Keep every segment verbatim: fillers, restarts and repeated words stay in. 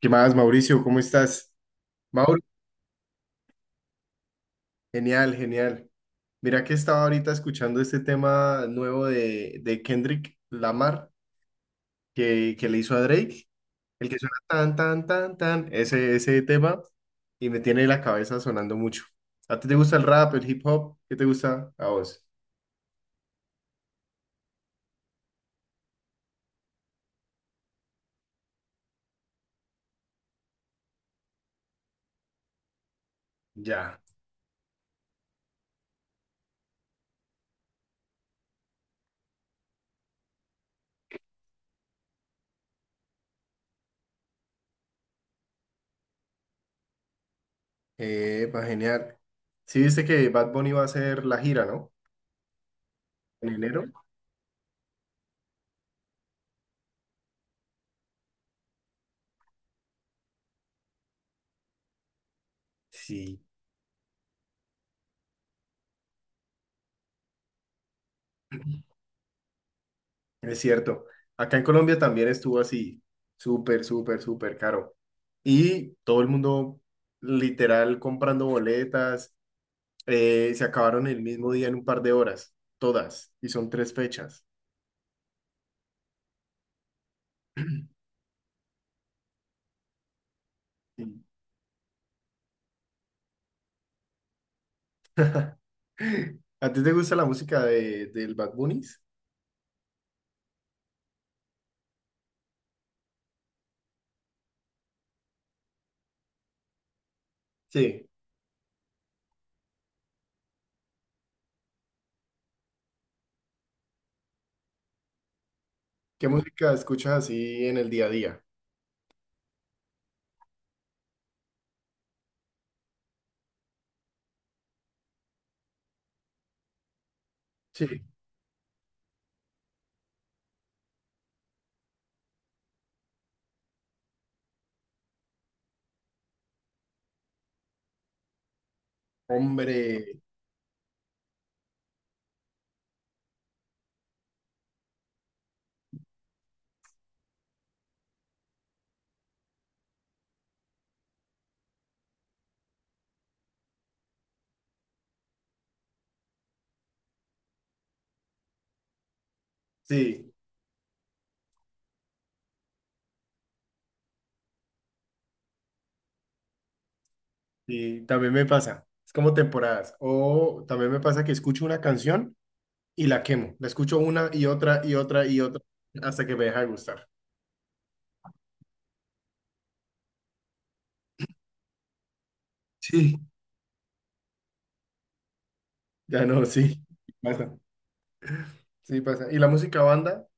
¿Qué más, Mauricio? ¿Cómo estás? Mauro, genial, genial. Mira que estaba ahorita escuchando este tema nuevo de, de Kendrick Lamar que, que le hizo a Drake, el que suena tan, tan, tan, tan, ese, ese tema, y me tiene la cabeza sonando mucho. ¿A ti te gusta el rap, el hip hop? ¿Qué te gusta a vos? Ya, eh, genial. Sí, viste que Bad Bunny va a hacer la gira, ¿no? En enero. Sí. Es cierto. Acá en Colombia también estuvo así, súper, súper, súper caro. Y todo el mundo literal comprando boletas, eh, se acabaron el mismo día en un par de horas, todas, y son tres fechas. Sí. ¿A ti te gusta la música de, del Bad Bunnies? Sí. ¿Qué música escuchas así en el día a día? Sí. Hombre, sí, sí, también me pasa. Es como temporadas. O también me pasa que escucho una canción y la quemo. La escucho una y otra y otra y otra hasta que me deja de gustar. Sí. Ya no, sí. Pasa. Sí, pasa. Y la música banda,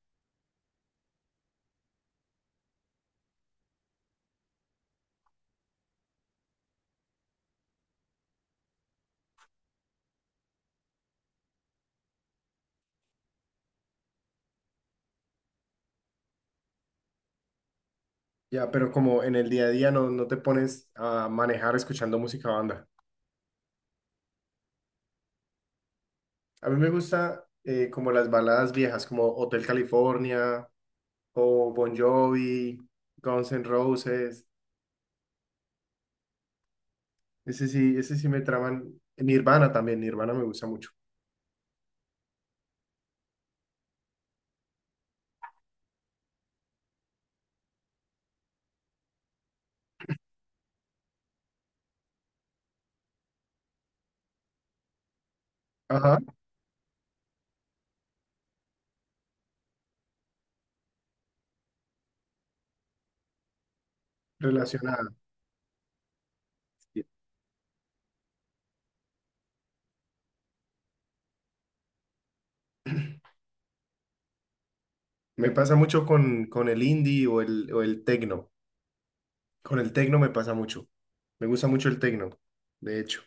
ya, pero como en el día a día no, no te pones a manejar escuchando música banda. A mí me gusta eh, como las baladas viejas, como Hotel California o Bon Jovi, Guns N' Roses. Ese sí, ese sí me traman. Nirvana también, Nirvana me gusta mucho. Ajá, relacionada. Me pasa mucho con, con el indie o el, o el techno. Con el tecno me pasa mucho. Me gusta mucho el tecno, de hecho.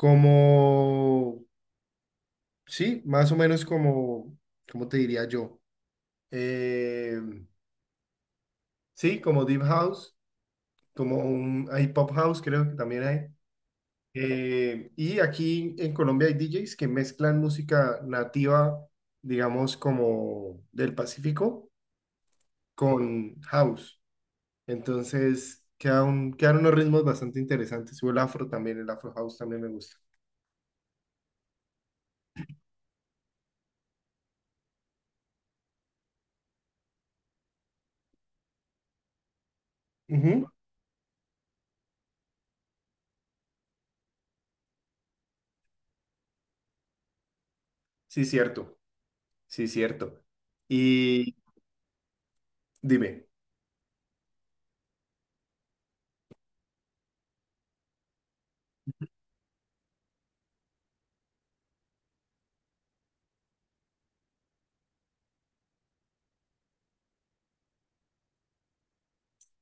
Como, sí, más o menos como, ¿cómo te diría yo? Eh, sí, como Deep House, como un, hay Pop House, creo que también hay. Eh, y aquí en Colombia hay D Js que mezclan música nativa, digamos, como del Pacífico, con house. Entonces, queda un- quedan unos ritmos bastante interesantes. O el afro también, el afro house también me gusta. Ujú. Sí, cierto, sí, cierto. Y dime,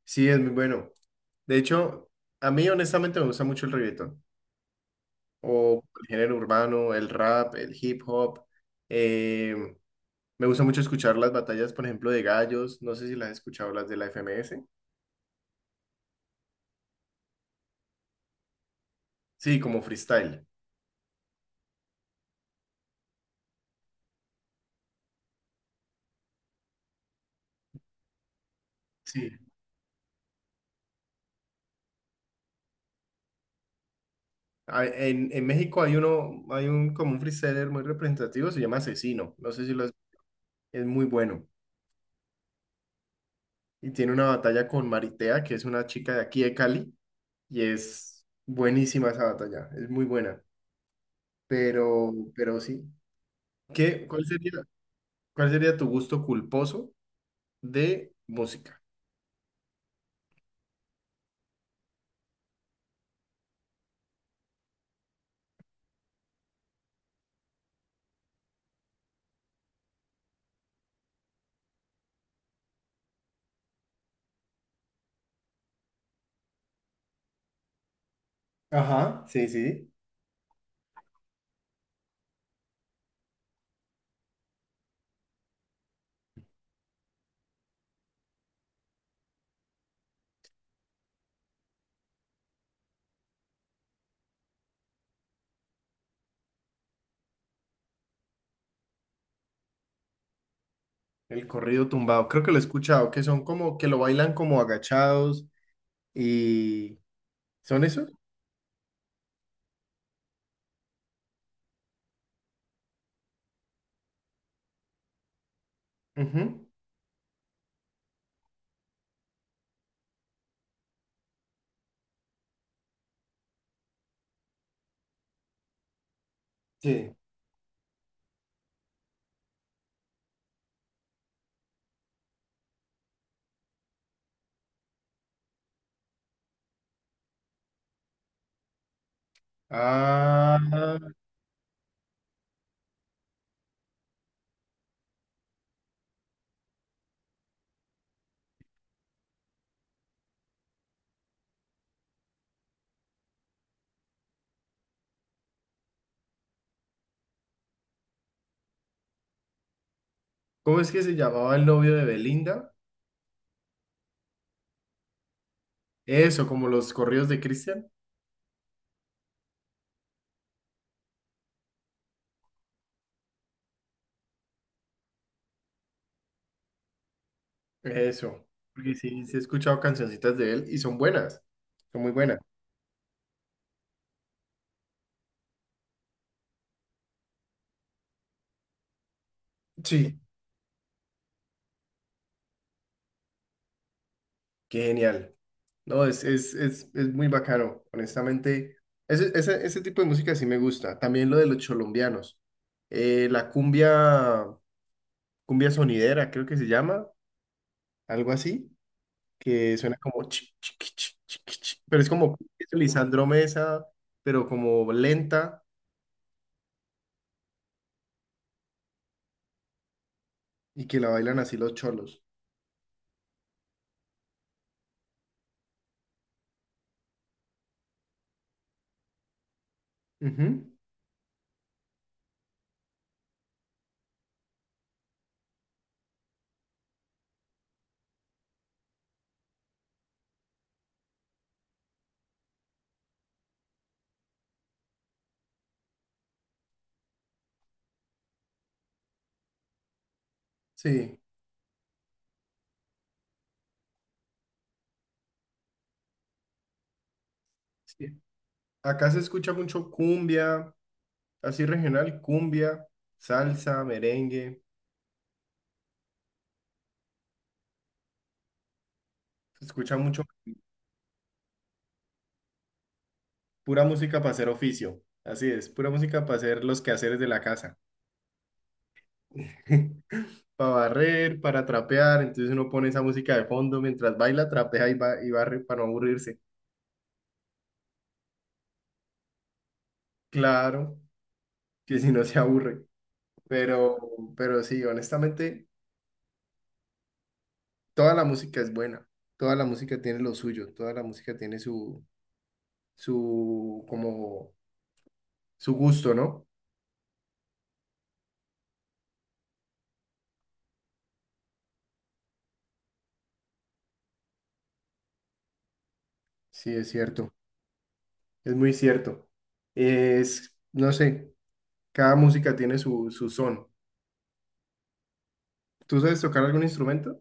sí, es muy bueno. De hecho, a mí honestamente me gusta mucho el reggaetón, o el género urbano, el rap, el hip hop. Eh, Me gusta mucho escuchar las batallas, por ejemplo, de gallos, no sé si las has escuchado, las de la F M S. Sí, como freestyle. Sí. Ah, En, en México hay uno, hay un como un freestyler muy representativo, se llama Asesino, no sé si lo has- es muy bueno. Y tiene una batalla con Maritea, que es una chica de aquí de Cali. Y es buenísima esa batalla, es muy buena. Pero, pero sí. ¿Qué, cuál sería, ¿cuál sería tu gusto culposo de música? Ajá, sí, sí. El corrido tumbado. Creo que lo he escuchado, que son como que lo bailan como agachados y... ¿Son esos? Ujú, Sí. Ah, ¿cómo es que se llamaba el novio de Belinda? Eso, como los corridos de Cristian. Eso. Porque sí, sí he escuchado cancioncitas de él y son buenas, son muy buenas. Sí. Qué genial. No, es, es, es, es muy bacano, honestamente. Ese, ese, ese tipo de música sí me gusta. También lo de los cholombianos. Eh, la cumbia, cumbia sonidera, creo que se llama, algo así, que suena como chi, chi, chi, chi, chi, chi, chi, pero es como es Lisandro Mesa, pero como lenta y que la bailan así los cholos. Ujú, Sí, sí. Acá se escucha mucho cumbia, así regional, cumbia, salsa, merengue. Se escucha mucho. Pura música para hacer oficio. Así es, pura música para hacer los quehaceres de la casa. Para barrer, para trapear. Entonces uno pone esa música de fondo mientras baila, trapea y, ba- y barre para no aburrirse. Claro, que si no se aburre. Pero, pero sí, honestamente, toda la música es buena. Toda la música tiene lo suyo. Toda la música tiene su, su, como, su gusto, ¿no? Sí, es cierto. Es muy cierto. Es, no sé, cada música tiene su, su son. ¿Tú sabes tocar algún instrumento?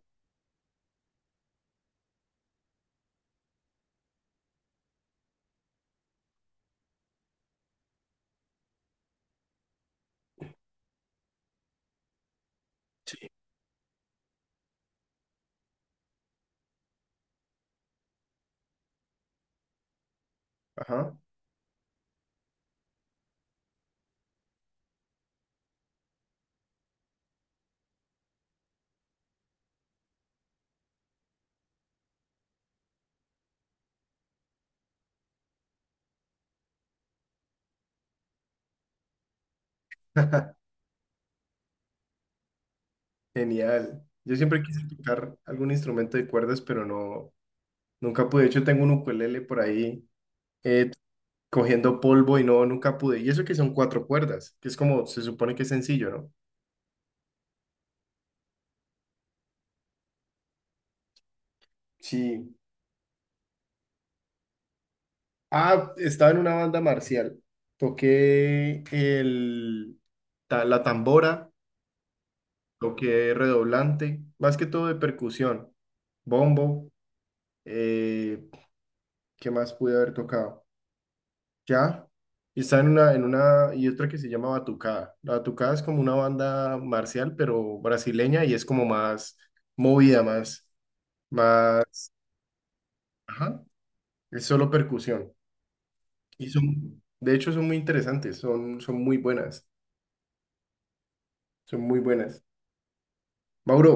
Ajá. Genial. Yo siempre quise tocar algún instrumento de cuerdas, pero no, nunca pude. De hecho, tengo un ukulele por ahí eh, cogiendo polvo y no, nunca pude. Y eso que son cuatro cuerdas, que es como, se supone que es sencillo, ¿no? Sí. Ah, estaba en una banda marcial. Toqué el, ta- la tambora, toqué redoblante, más que todo de percusión, bombo. eh, ¿Qué más pude haber tocado? Ya. Y está en una, en una, y otra que se llama Batucada. La Batucada es como una banda marcial, pero brasileña, y es como más movida, más, más, ajá, es solo percusión. Y son, de hecho, son muy interesantes, son, son muy buenas, son muy buenas. Mauro,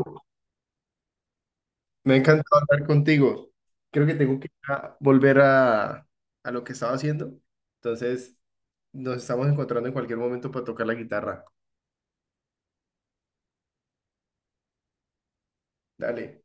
me ha encantado hablar contigo. Creo que tengo que ah, volver a, a lo que estaba haciendo. Entonces, nos estamos encontrando en cualquier momento para tocar la guitarra. Dale.